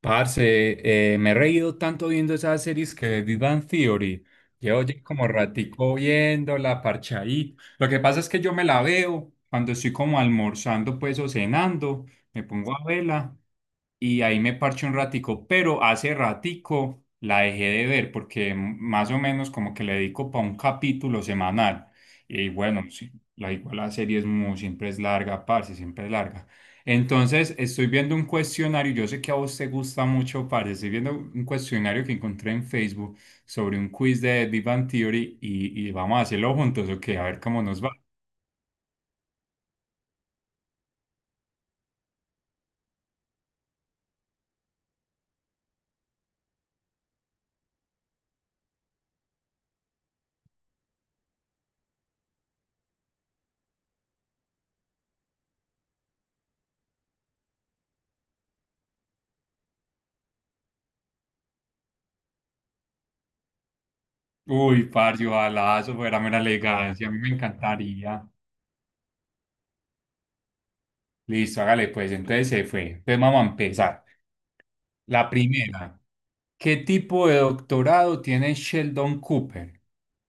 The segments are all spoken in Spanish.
Parce, me he reído tanto viendo esas series que de Big Bang Theory. Llevo ya como ratico viéndola, parchadito. Lo que pasa es que yo me la veo cuando estoy como almorzando, pues, o cenando. Me pongo a verla y ahí me parché un ratico, pero hace ratico la dejé de ver porque más o menos como que le dedico para un capítulo semanal. Y bueno, sí, la igual la serie es siempre es larga, parce, siempre es larga. Entonces estoy viendo un cuestionario, yo sé que a vos te gusta mucho, parce, estoy viendo un cuestionario que encontré en Facebook sobre un quiz de Big Bang Theory y vamos a hacerlo juntos, ok, a ver cómo nos va. Uy, parce, ojalá eso fuera mera elegancia, a mí me encantaría. Listo, hágale pues, entonces se fue. Entonces vamos a empezar. La primera, ¿qué tipo de doctorado tiene Sheldon Cooper?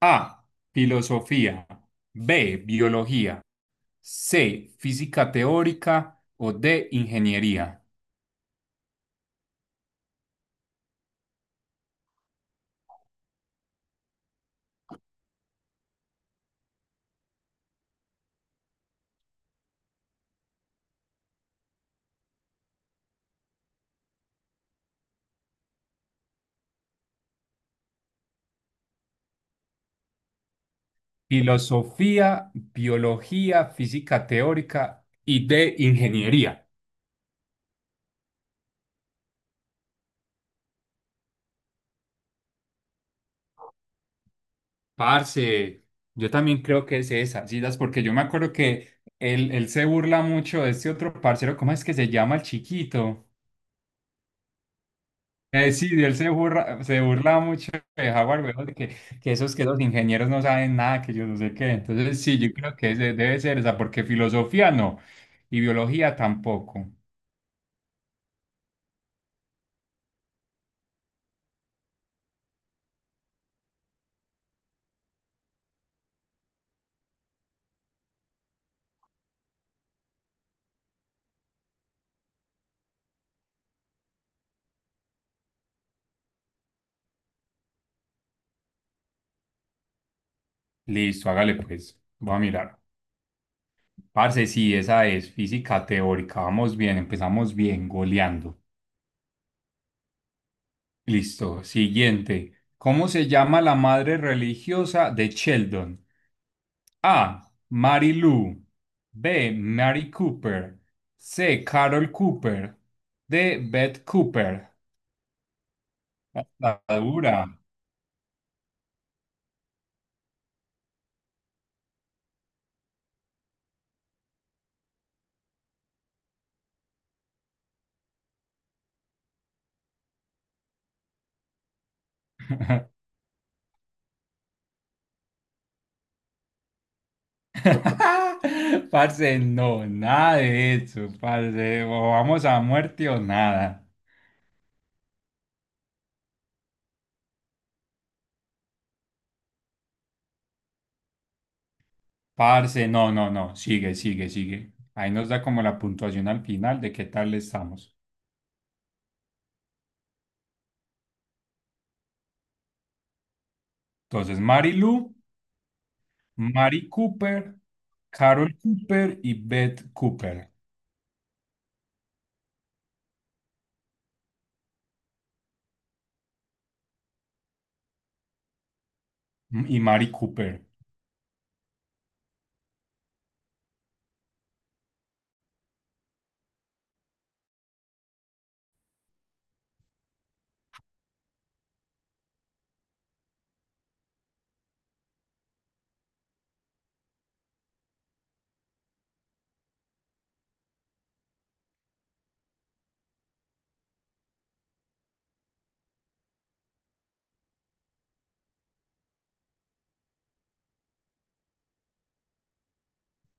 A, filosofía, B, biología, C, física teórica o D, ingeniería. Filosofía, biología, física teórica y de ingeniería. Parce, yo también creo que es esa, sí, das, porque yo me acuerdo que él se burla mucho de este otro parcero, ¿cómo es que se llama el chiquito? Sí, de él se burla mucho de Howard, weón, de que esos que los ingenieros no saben nada, que yo no sé qué. Entonces, sí, yo creo que ese debe ser esa, porque filosofía no, y biología tampoco. Listo, hágale pues, voy a mirar. Parce, sí, esa es física teórica, vamos bien, empezamos bien, goleando. Listo, siguiente. ¿Cómo se llama la madre religiosa de Sheldon? A. Mary Lou. B. Mary Cooper. C. Carol Cooper. D. Beth Cooper. La dura. Parce, no, nada de eso, parce. O vamos a muerte o nada. Parce, no, no, no. Sigue, sigue, sigue. Ahí nos da como la puntuación al final de qué tal estamos. Entonces, Mary Lou, Mary Cooper, Carol Cooper y Beth Cooper. Y Mary Cooper.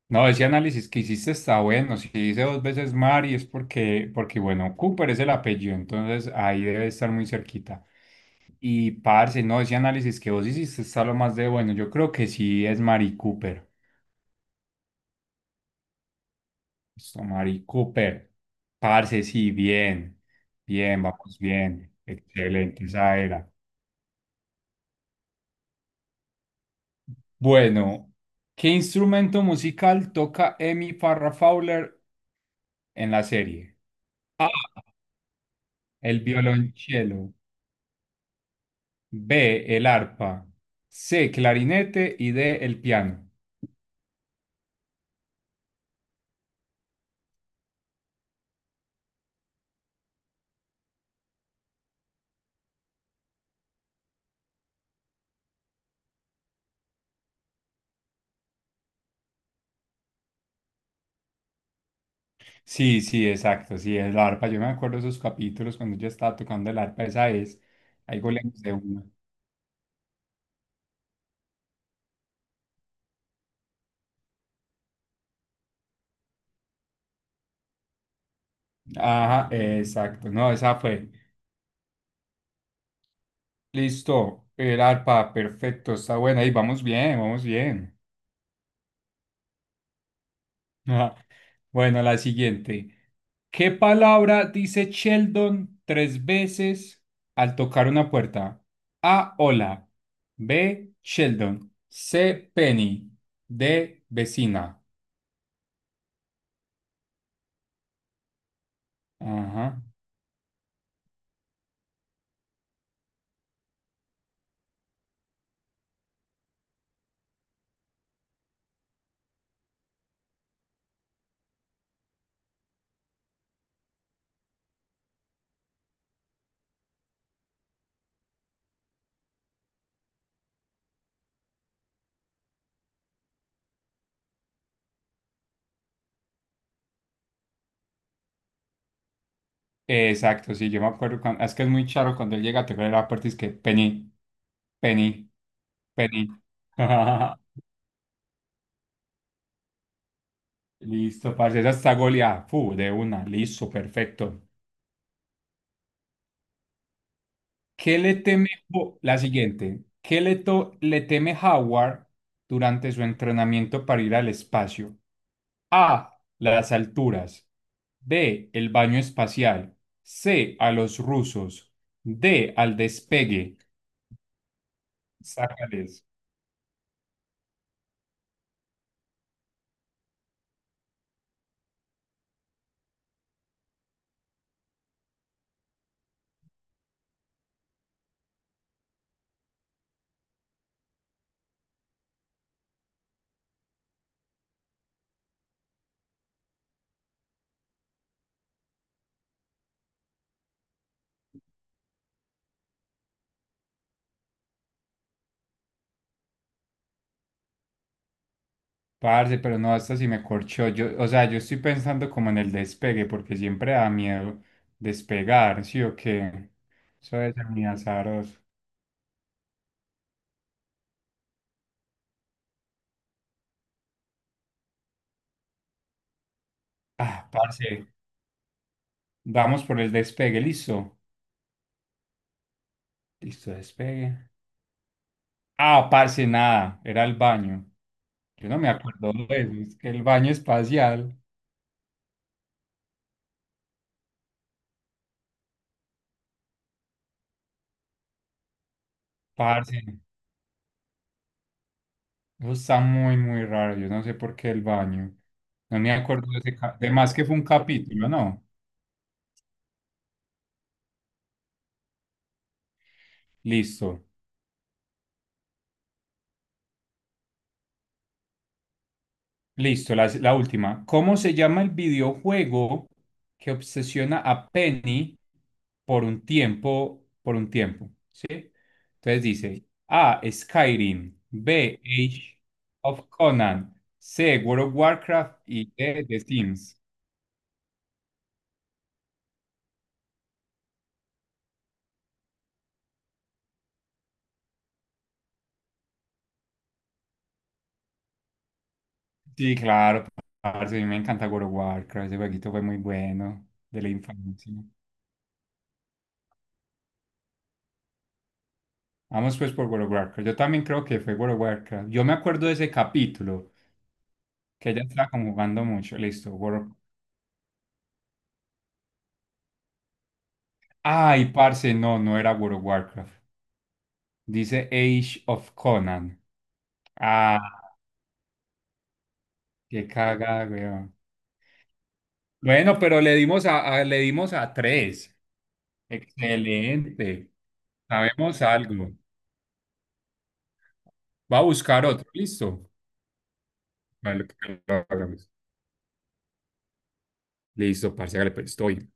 No, ese análisis que hiciste está bueno. Si dice dos veces Mari es porque, bueno, Cooper es el apellido, entonces ahí debe estar muy cerquita. Y parce, no, ese análisis que vos hiciste está lo más de bueno. Yo creo que sí es Mari Cooper. Esto, Mari Cooper. Parce, sí, bien. Bien, vamos bien. Excelente, esa era. Bueno, ¿qué instrumento musical toca Amy Farrah Fowler en la serie? El violonchelo. B, el arpa. C, clarinete y D, el piano. Sí, sí, exacto, sí, el arpa. Yo me acuerdo esos capítulos cuando yo estaba tocando el arpa, esa es. Ahí goleamos de una. Ajá, exacto, no, esa fue. Listo, el arpa, perfecto, está buena. Ahí vamos bien, vamos bien. Ajá. Bueno, la siguiente. ¿Qué palabra dice Sheldon tres veces al tocar una puerta? A. Hola. B. Sheldon. C. Penny. D. Vecina. Ajá. Exacto, sí, yo me acuerdo cuando, es que es muy charo cuando él llega a tocar la puerta y es que Penny, Penny, Penny. Listo, parce, esa está goleada. Fu, de una. Listo, perfecto. ¿Qué le teme la siguiente? ¿Qué le teme Howard durante su entrenamiento para ir al espacio? A. Las alturas. B. El baño espacial. C. A los rusos. D. Al despegue. Sácales. Parce, pero no, hasta si me corchó. Yo, o sea, yo estoy pensando como en el despegue, porque siempre da miedo despegar, ¿sí o qué? Eso es muy azaroso. Ah, parce, vamos por el despegue, listo. Listo, despegue. Ah, parce, nada, era el baño. Yo no me acuerdo de eso, es que el baño espacial, parce, eso está muy, muy raro, yo no sé por qué el baño. No me acuerdo de de más que fue un capítulo, ¿no? Listo. Listo, la última. ¿Cómo se llama el videojuego que obsesiona a Penny por un tiempo, por un tiempo? ¿Sí? Entonces dice A. Skyrim, B. Age of Conan, C. World of Warcraft y D. The Sims. Sí, claro, parce, a mí me encanta World of Warcraft, ese jueguito fue muy bueno de la infancia. Vamos pues por World of Warcraft. Yo también creo que fue World of Warcraft. Yo me acuerdo de ese capítulo que ya está como jugando mucho. Listo. World... Ay, parce, no, no era World of Warcraft. Dice Age of Conan. Ah, qué caga, weón. Bueno, pero le dimos le dimos a tres. Excelente. Sabemos algo. Va a buscar otro. Listo. Vale, que lo hagamos. Listo, parce, hágale, pues estoy.